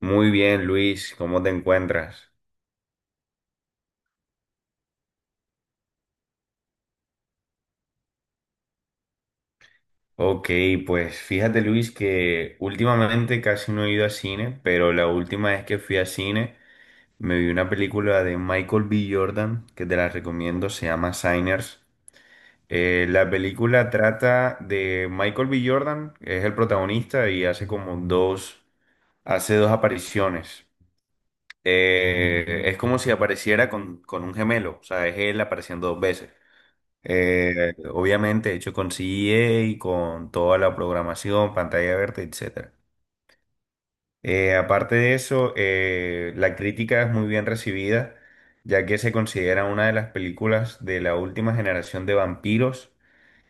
Muy bien, Luis, ¿cómo te encuentras? Ok, pues fíjate, Luis, que últimamente casi no he ido a cine, pero la última vez que fui a cine me vi una película de Michael B. Jordan, que te la recomiendo, se llama Signers. La película trata de Michael B. Jordan, que es el protagonista y hace como dos apariciones. Es como si apareciera con un gemelo, o sea, es él apareciendo dos veces. Obviamente hecho con CGA y con toda la programación, pantalla verde, etcétera. Aparte de eso, la crítica es muy bien recibida, ya que se considera una de las películas de la última generación de vampiros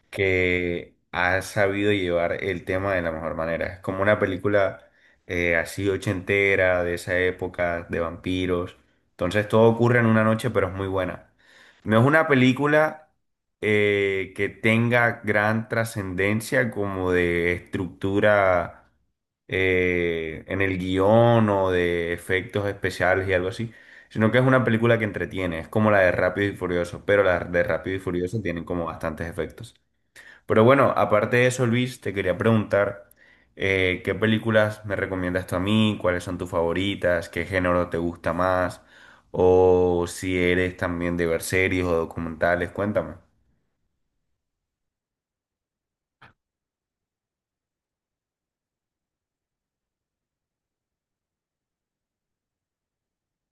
que ha sabido llevar el tema de la mejor manera. Es como una película así ochentera, de esa época, de vampiros. Entonces todo ocurre en una noche, pero es muy buena. No es una película que tenga gran trascendencia como de estructura en el guión o de efectos especiales y algo así, sino que es una película que entretiene, es como la de Rápido y Furioso, pero la de Rápido y Furioso tienen como bastantes efectos. Pero bueno, aparte de eso, Luis, te quería preguntar, ¿qué películas me recomiendas tú a mí? ¿Cuáles son tus favoritas? ¿Qué género te gusta más? O si eres también de ver series o documentales, cuéntame.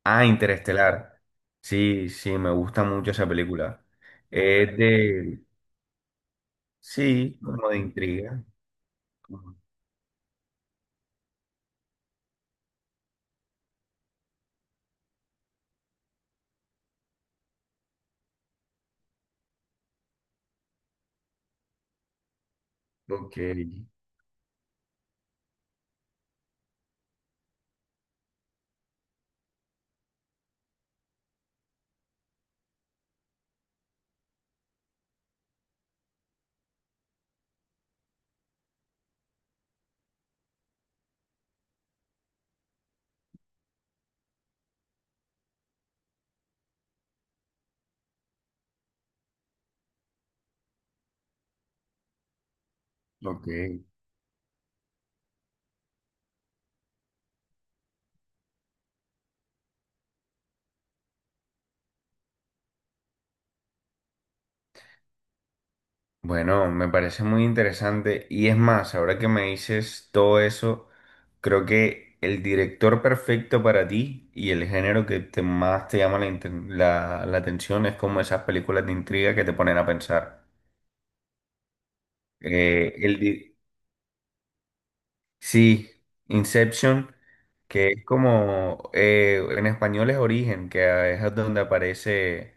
Ah, Interestelar. Sí, sí, me gusta mucho esa película. Es de... Sí, como de intriga. Ok, ok. Bueno, me parece muy interesante y es más, ahora que me dices todo eso, creo que el director perfecto para ti y el género que te más te llama la, la atención es como esas películas de intriga que te ponen a pensar. Eh, el di- sí, Inception, que es como, en español es Origen, que es donde aparece,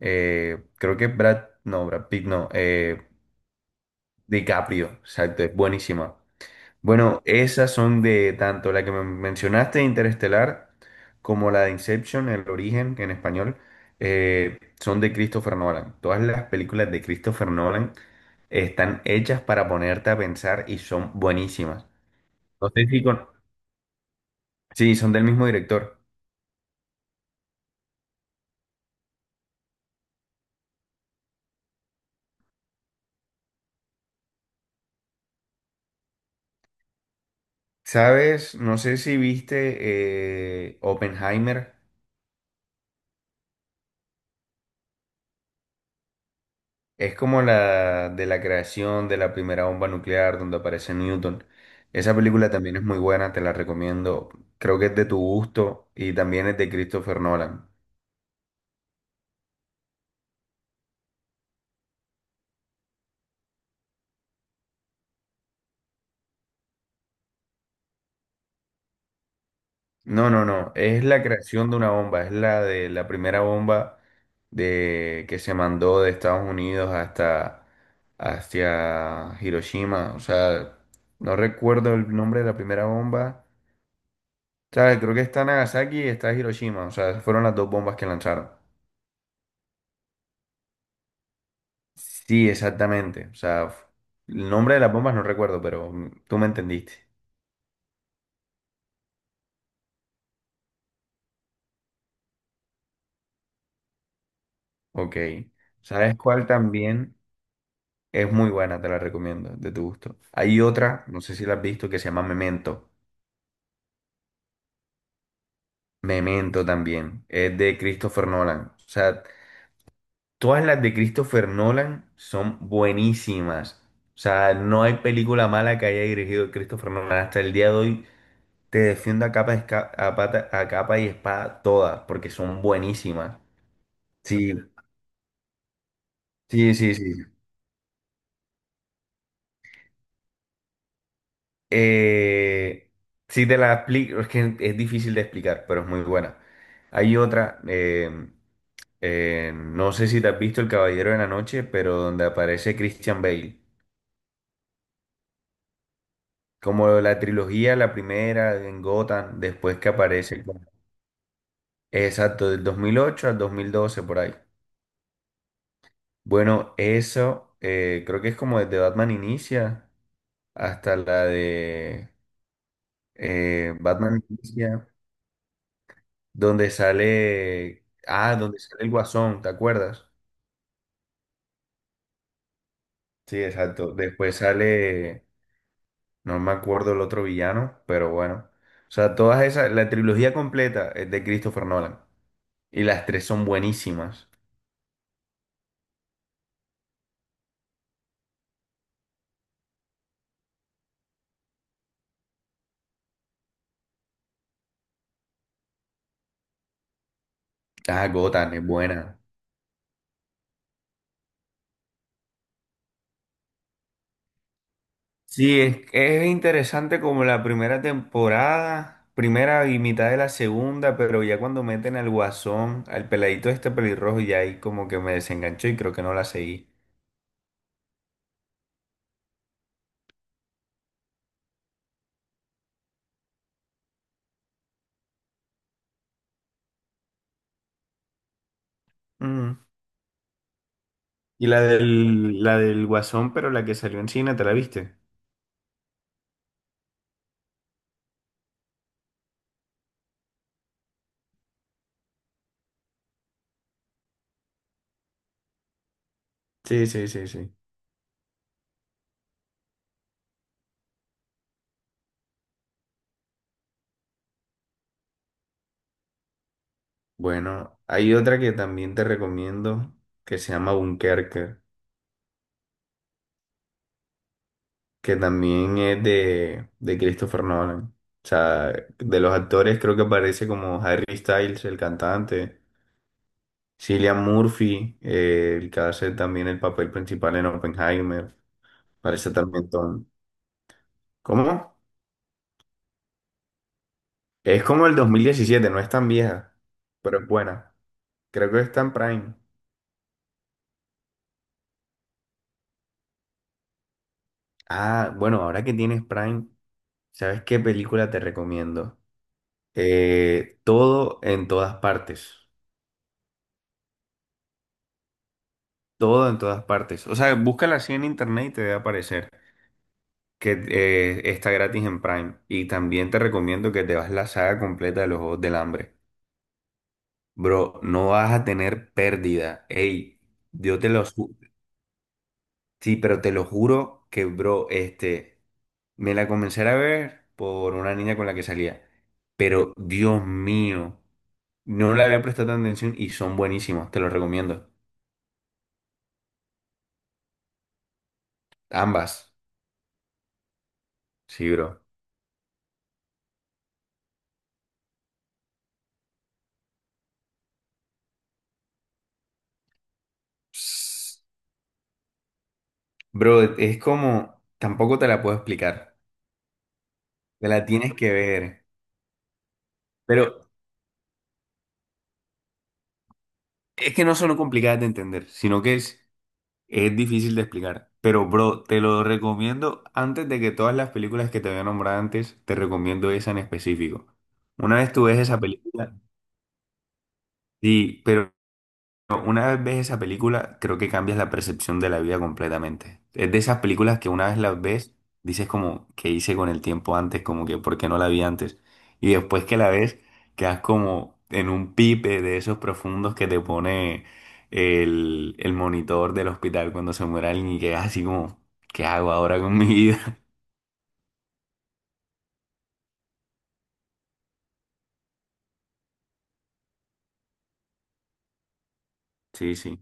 creo que Brad Pitt, no, DiCaprio, exacto, es buenísima. Bueno, esas son de tanto la que me mencionaste, Interestelar, como la de Inception, El Origen, que en español, son de Christopher Nolan. Todas las películas de Christopher Nolan están hechas para ponerte a pensar y son buenísimas. No sé si con... Sí, son del mismo director. ¿Sabes? No sé si viste Oppenheimer. Es como la de la creación de la primera bomba nuclear donde aparece Newton. Esa película también es muy buena, te la recomiendo. Creo que es de tu gusto y también es de Christopher Nolan. No, no, no, es la creación de una bomba, es la de la primera bomba de que se mandó de Estados Unidos hasta hacia Hiroshima, o sea, no recuerdo el nombre de la primera bomba. O sea, creo que está Nagasaki y está Hiroshima, o sea, fueron las dos bombas que lanzaron. Sí, exactamente. O sea, el nombre de las bombas no recuerdo, pero tú me entendiste. Ok. ¿Sabes cuál también es muy buena? Te la recomiendo, de tu gusto. Hay otra, no sé si la has visto, que se llama Memento. Memento también. Es de Christopher Nolan. O sea, todas las de Christopher Nolan son buenísimas. O sea, no hay película mala que haya dirigido Christopher Nolan. Hasta el día de hoy te defiendo a capa, y a capa y espada todas, porque son buenísimas. Sí, sí, sí, sí. Eh, sí te la explico, es que es difícil de explicar, pero es muy buena. Hay otra, no sé si te has visto El Caballero de la Noche, pero donde aparece Christian Bale. Como la trilogía, la primera en Gotham, después que aparece, exacto, del 2008 al 2012 por ahí. Bueno, eso creo que es como desde Batman Inicia hasta la de Batman Inicia. Donde sale, ah, donde sale el Guasón, ¿te acuerdas? Sí, exacto. Después sale, no me acuerdo el otro villano, pero bueno. O sea, todas esas, la trilogía completa es de Christopher Nolan. Y las tres son buenísimas. Ah, Gotham es buena. Sí, es interesante como la primera temporada, primera y mitad de la segunda, pero ya cuando meten al Guasón, al peladito este pelirrojo, ya ahí como que me desenganchó y creo que no la seguí. Y la del Guasón, pero la que salió en cine, ¿te la viste? Sí, sí, sí, sí. Bueno, hay otra que también te recomiendo que se llama Dunkerque, que también es de Christopher Nolan. O sea, de los actores creo que aparece como Harry Styles, el cantante, Cillian Murphy, el que hace también el papel principal en Oppenheimer. Parece también Tom. ¿Cómo? Es como el 2017, no es tan vieja, pero es buena. Creo que está en Prime. Ah, bueno, ahora que tienes Prime, ¿sabes qué película te recomiendo? Todo en todas partes. Todo en todas partes. O sea, búscala así en internet y te debe aparecer que está gratis en Prime. Y también te recomiendo que te vas la saga completa de los Juegos del Hambre. Bro, no vas a tener pérdida. Ey, yo te lo, sí, pero te lo juro que, bro, me la comencé a ver por una niña con la que salía. Pero, Dios mío, no le había prestado tanta atención y son buenísimos, te los recomiendo. Ambas. Sí, bro. Psst. Bro, es como, tampoco te la puedo explicar. Te la tienes que ver. Pero es que no son complicadas de entender, sino que es difícil de explicar, pero bro, te lo recomiendo antes de que todas las películas que te había nombrado antes, te recomiendo esa en específico. Una vez tú ves esa película, sí, pero no, Una vez ves esa película, creo que cambias la percepción de la vida completamente. Es de esas películas que una vez las ves, dices como, ¿qué hice con el tiempo antes? Como que, ¿por qué no la vi antes? Y después que la ves, quedas como en un pipe de esos profundos que te pone el monitor del hospital cuando se muere alguien y quedas así como, ¿qué hago ahora con mi vida? Sí, sí.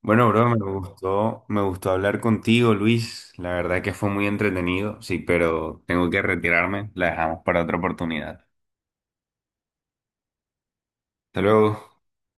Bueno, bro, me gustó hablar contigo, Luis. La verdad que fue muy entretenido, sí, pero tengo que retirarme. La dejamos para otra oportunidad. Hasta luego.